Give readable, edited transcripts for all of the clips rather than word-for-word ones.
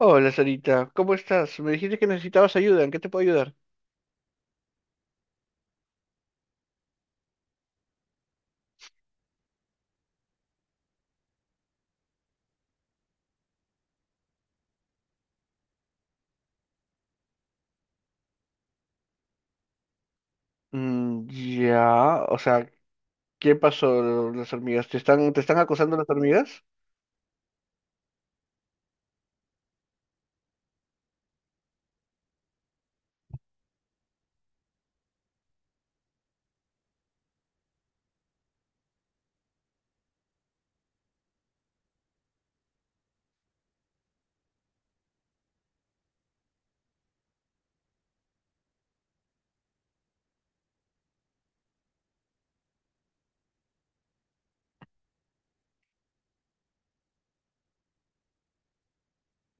Hola, Sarita, ¿cómo estás? Me dijiste que necesitabas ayuda, ¿en qué te puedo ayudar? Mm, ya, o sea, ¿qué pasó las hormigas? ¿Te están acosando las hormigas?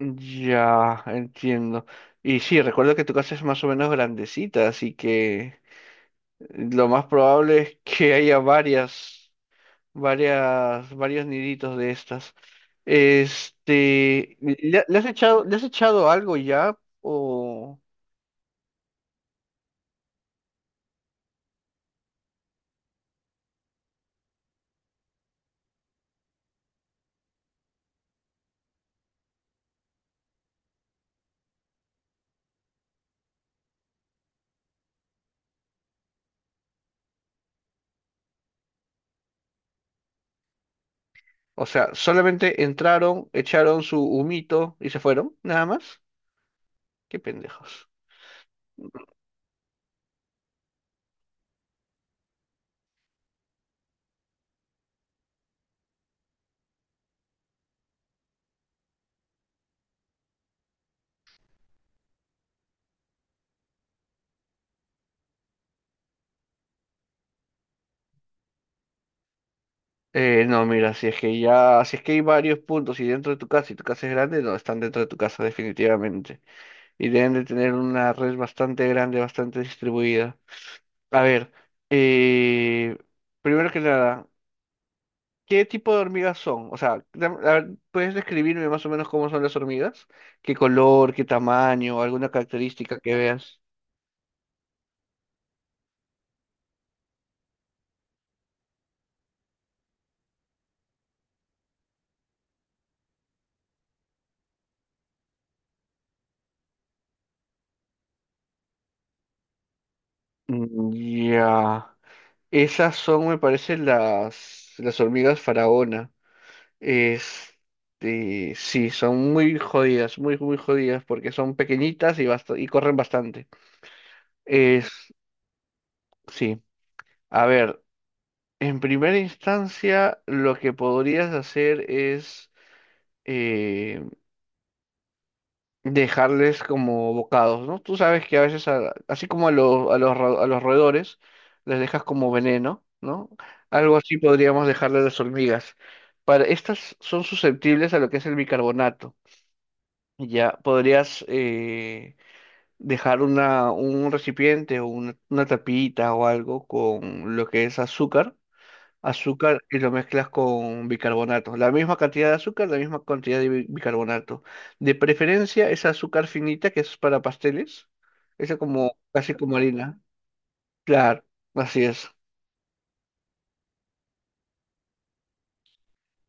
Ya, entiendo. Y sí, recuerdo que tu casa es más o menos grandecita, así que lo más probable es que haya varios niditos de estas. Le has echado algo ya? O... O sea, solamente entraron, echaron su humito y se fueron, nada más. Qué pendejos. No, mira, si es que ya, si es que hay varios puntos y dentro de tu casa y tu casa es grande, no, están dentro de tu casa definitivamente. Y deben de tener una red bastante grande, bastante distribuida. A ver, eh, primero que nada, ¿qué tipo de hormigas son? O sea, a ver, ¿puedes describirme más o menos cómo son las hormigas? ¿Qué color, qué tamaño, alguna característica que veas? Mm, ya. Esas son, me parece, las hormigas faraona. Sí, son muy jodidas, muy, muy jodidas, porque son pequeñitas y, y corren bastante. Es, sí. A ver, en primera instancia, lo que podrías hacer es eh, dejarles como bocados, ¿no? Tú sabes que a veces, así como a, los a los, a los roedores, les dejas como veneno, ¿no? Algo así podríamos dejarle a las hormigas. Para, estas son susceptibles a lo que es el bicarbonato. Ya podrías dejar una, un recipiente o una tapita o algo con lo que es azúcar y lo mezclas con bicarbonato. La misma cantidad de azúcar, la misma cantidad de bicarbonato. De preferencia esa azúcar finita que es para pasteles, esa como casi como harina. Claro, así es.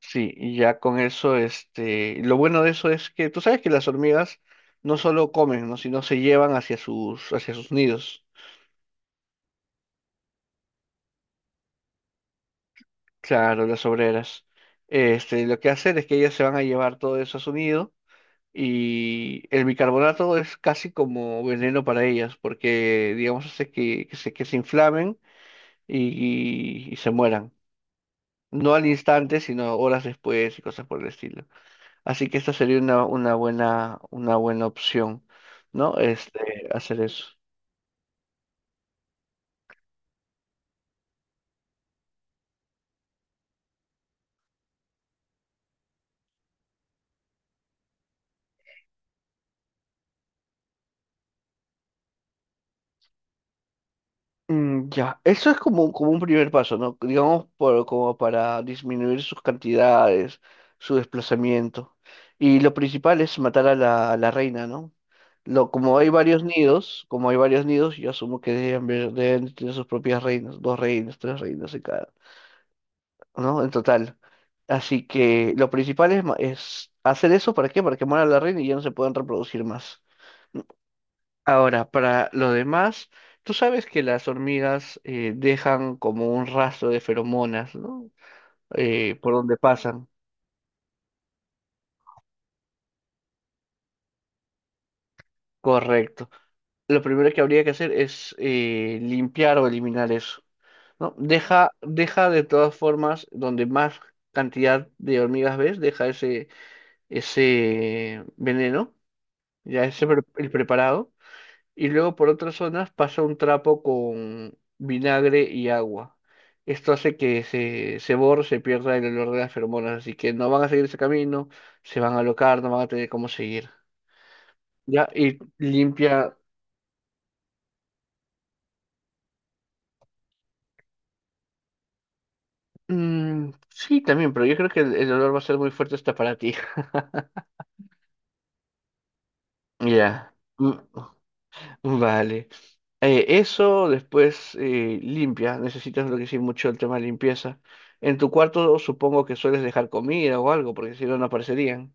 Sí, y ya con eso, lo bueno de eso es que tú sabes que las hormigas no solo comen, ¿no? sino se llevan hacia sus nidos. Claro, las obreras. Lo que hacen es que ellas se van a llevar todo eso a su nido. Y el bicarbonato es casi como veneno para ellas, porque, digamos, hace que, que se inflamen y, y se mueran. No al instante, sino horas después y cosas por el estilo. Así que esta sería una buena opción, ¿no? Hacer eso. Mm, ya, eso es como, como un primer paso, ¿no? Digamos, por, como para disminuir sus cantidades, su desplazamiento. Y lo principal es matar a a la reina, ¿no? Lo, como hay varios nidos, como hay varios nidos, yo asumo que deben, deben tener sus propias reinas, dos reinas, tres reinas en cada, ¿no? En total. Así que lo principal es, es hacer eso, ¿para qué? Para que muera la reina y ya no se puedan reproducir más. Ahora, para lo demás, tú sabes que las hormigas dejan como un rastro de feromonas, ¿no? Por donde pasan. Correcto. Lo primero que habría que hacer es limpiar o eliminar eso, ¿no? Deja de todas formas, donde más cantidad de hormigas ves, deja ese, ese veneno, ya ese el preparado. Y luego por otras zonas pasa un trapo con vinagre y agua. Esto hace que se borre, se pierda el olor de las feromonas, así que no van a seguir ese camino, se van a alocar, no van a tener cómo seguir. Ya, y limpia. Mm, sí, también, pero yo creo que el olor va a ser muy fuerte hasta para ti. Ya. Mm, vale. Eso después limpia. Necesitas lo que sí mucho el tema de limpieza. En tu cuarto supongo que sueles dejar comida o algo, porque si no, no aparecerían.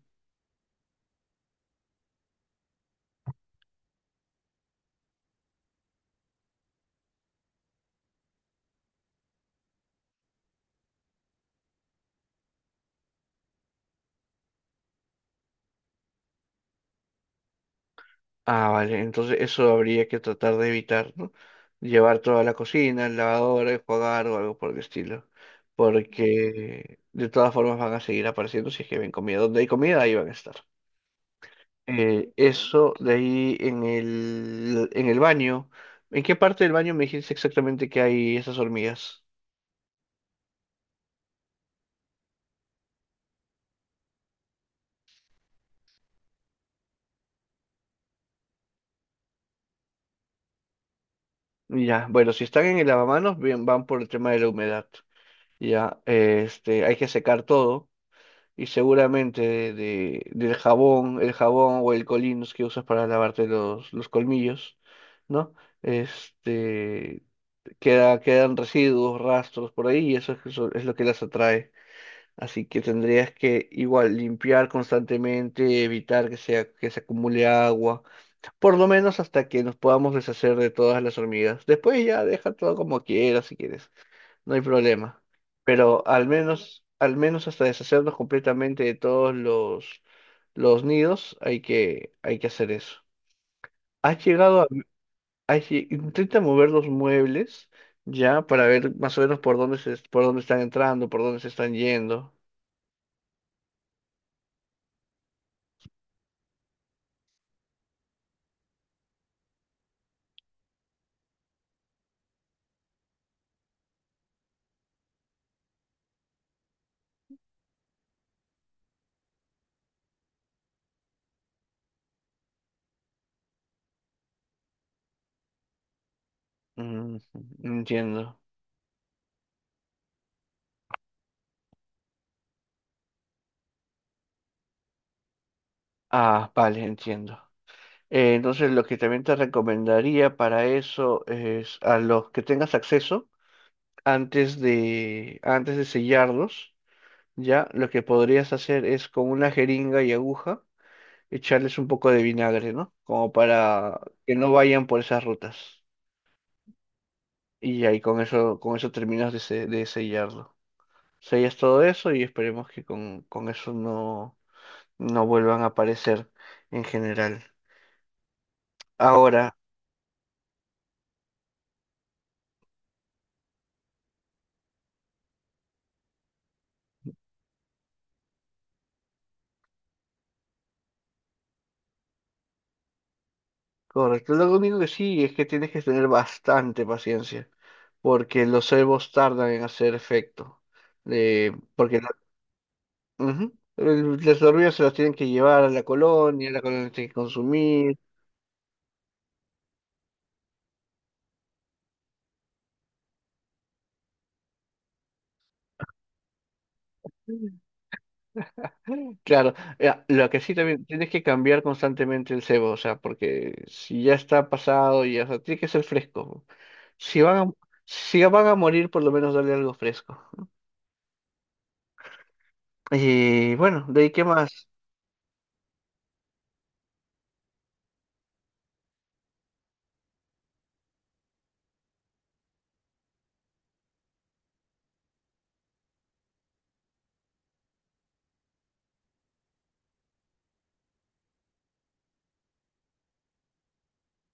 Ah, vale, entonces eso habría que tratar de evitar, ¿no? Llevar toda la cocina, el lavadora, enjuagar o algo por el estilo. Porque de todas formas van a seguir apareciendo si es que ven comida. Donde hay comida, ahí van a estar. Eso de ahí en en el baño. ¿En qué parte del baño me dijiste exactamente que hay esas hormigas? Ya, bueno, si están en el lavamanos, bien, van por el tema de la humedad. Ya, hay que secar todo. Y seguramente de, del jabón, el jabón o el Colins que usas para lavarte los colmillos, ¿no? Este, queda, quedan residuos, rastros por ahí y eso es lo que las atrae. Así que tendrías que igual limpiar constantemente, evitar que sea, que se acumule agua, por lo menos hasta que nos podamos deshacer de todas las hormigas. Después ya deja todo como quieras si quieres. No hay problema. Pero al menos hasta deshacernos completamente de todos los nidos, hay que hacer eso. ¿Has llegado a, has intenta mover los muebles ya para ver más o menos por dónde se, por dónde están entrando, por dónde se están yendo? Mm, entiendo. Ah, vale, entiendo. Entonces lo que también te recomendaría para eso es a los que tengas acceso antes de sellarlos. Ya, lo que podrías hacer es con una jeringa y aguja echarles un poco de vinagre, ¿no? Como para que no vayan por esas rutas. Y ahí con eso terminas de, de sellarlo. Sellas todo eso y esperemos que con eso no, no vuelvan a aparecer en general. Ahora, correcto, lo único que sí es que tienes que tener bastante paciencia, porque los cebos tardan en hacer efecto. Porque Ujú. Las hormigas se las tienen que llevar a la colonia tiene que consumir. Claro, lo que sí también tienes que cambiar constantemente el cebo, o sea, porque si ya está pasado, ya, o sea, tiene que ser fresco. Si van a, si van a morir, por lo menos darle algo fresco. Y bueno, de ahí qué más.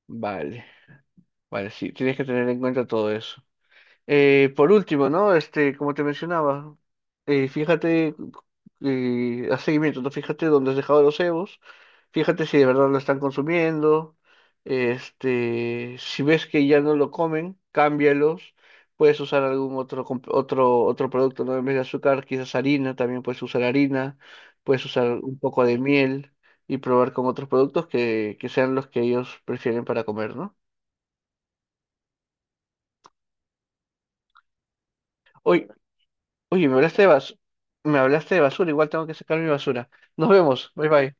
Vale, vale, sí, tienes que tener en cuenta todo eso. Por último, ¿no? Como te mencionaba, fíjate, haz seguimiento, ¿no? Fíjate dónde has dejado los cebos, fíjate si de verdad lo están consumiendo, si ves que ya no lo comen, cámbialos, puedes usar algún otro, otro producto, ¿no? En vez de azúcar, quizás harina, también puedes usar harina, puedes usar un poco de miel y probar con otros productos que sean los que ellos prefieren para comer, ¿no? Oye, Oye, me hablaste de basura. Me hablaste de basura, igual tengo que sacar mi basura. Nos vemos. Bye bye.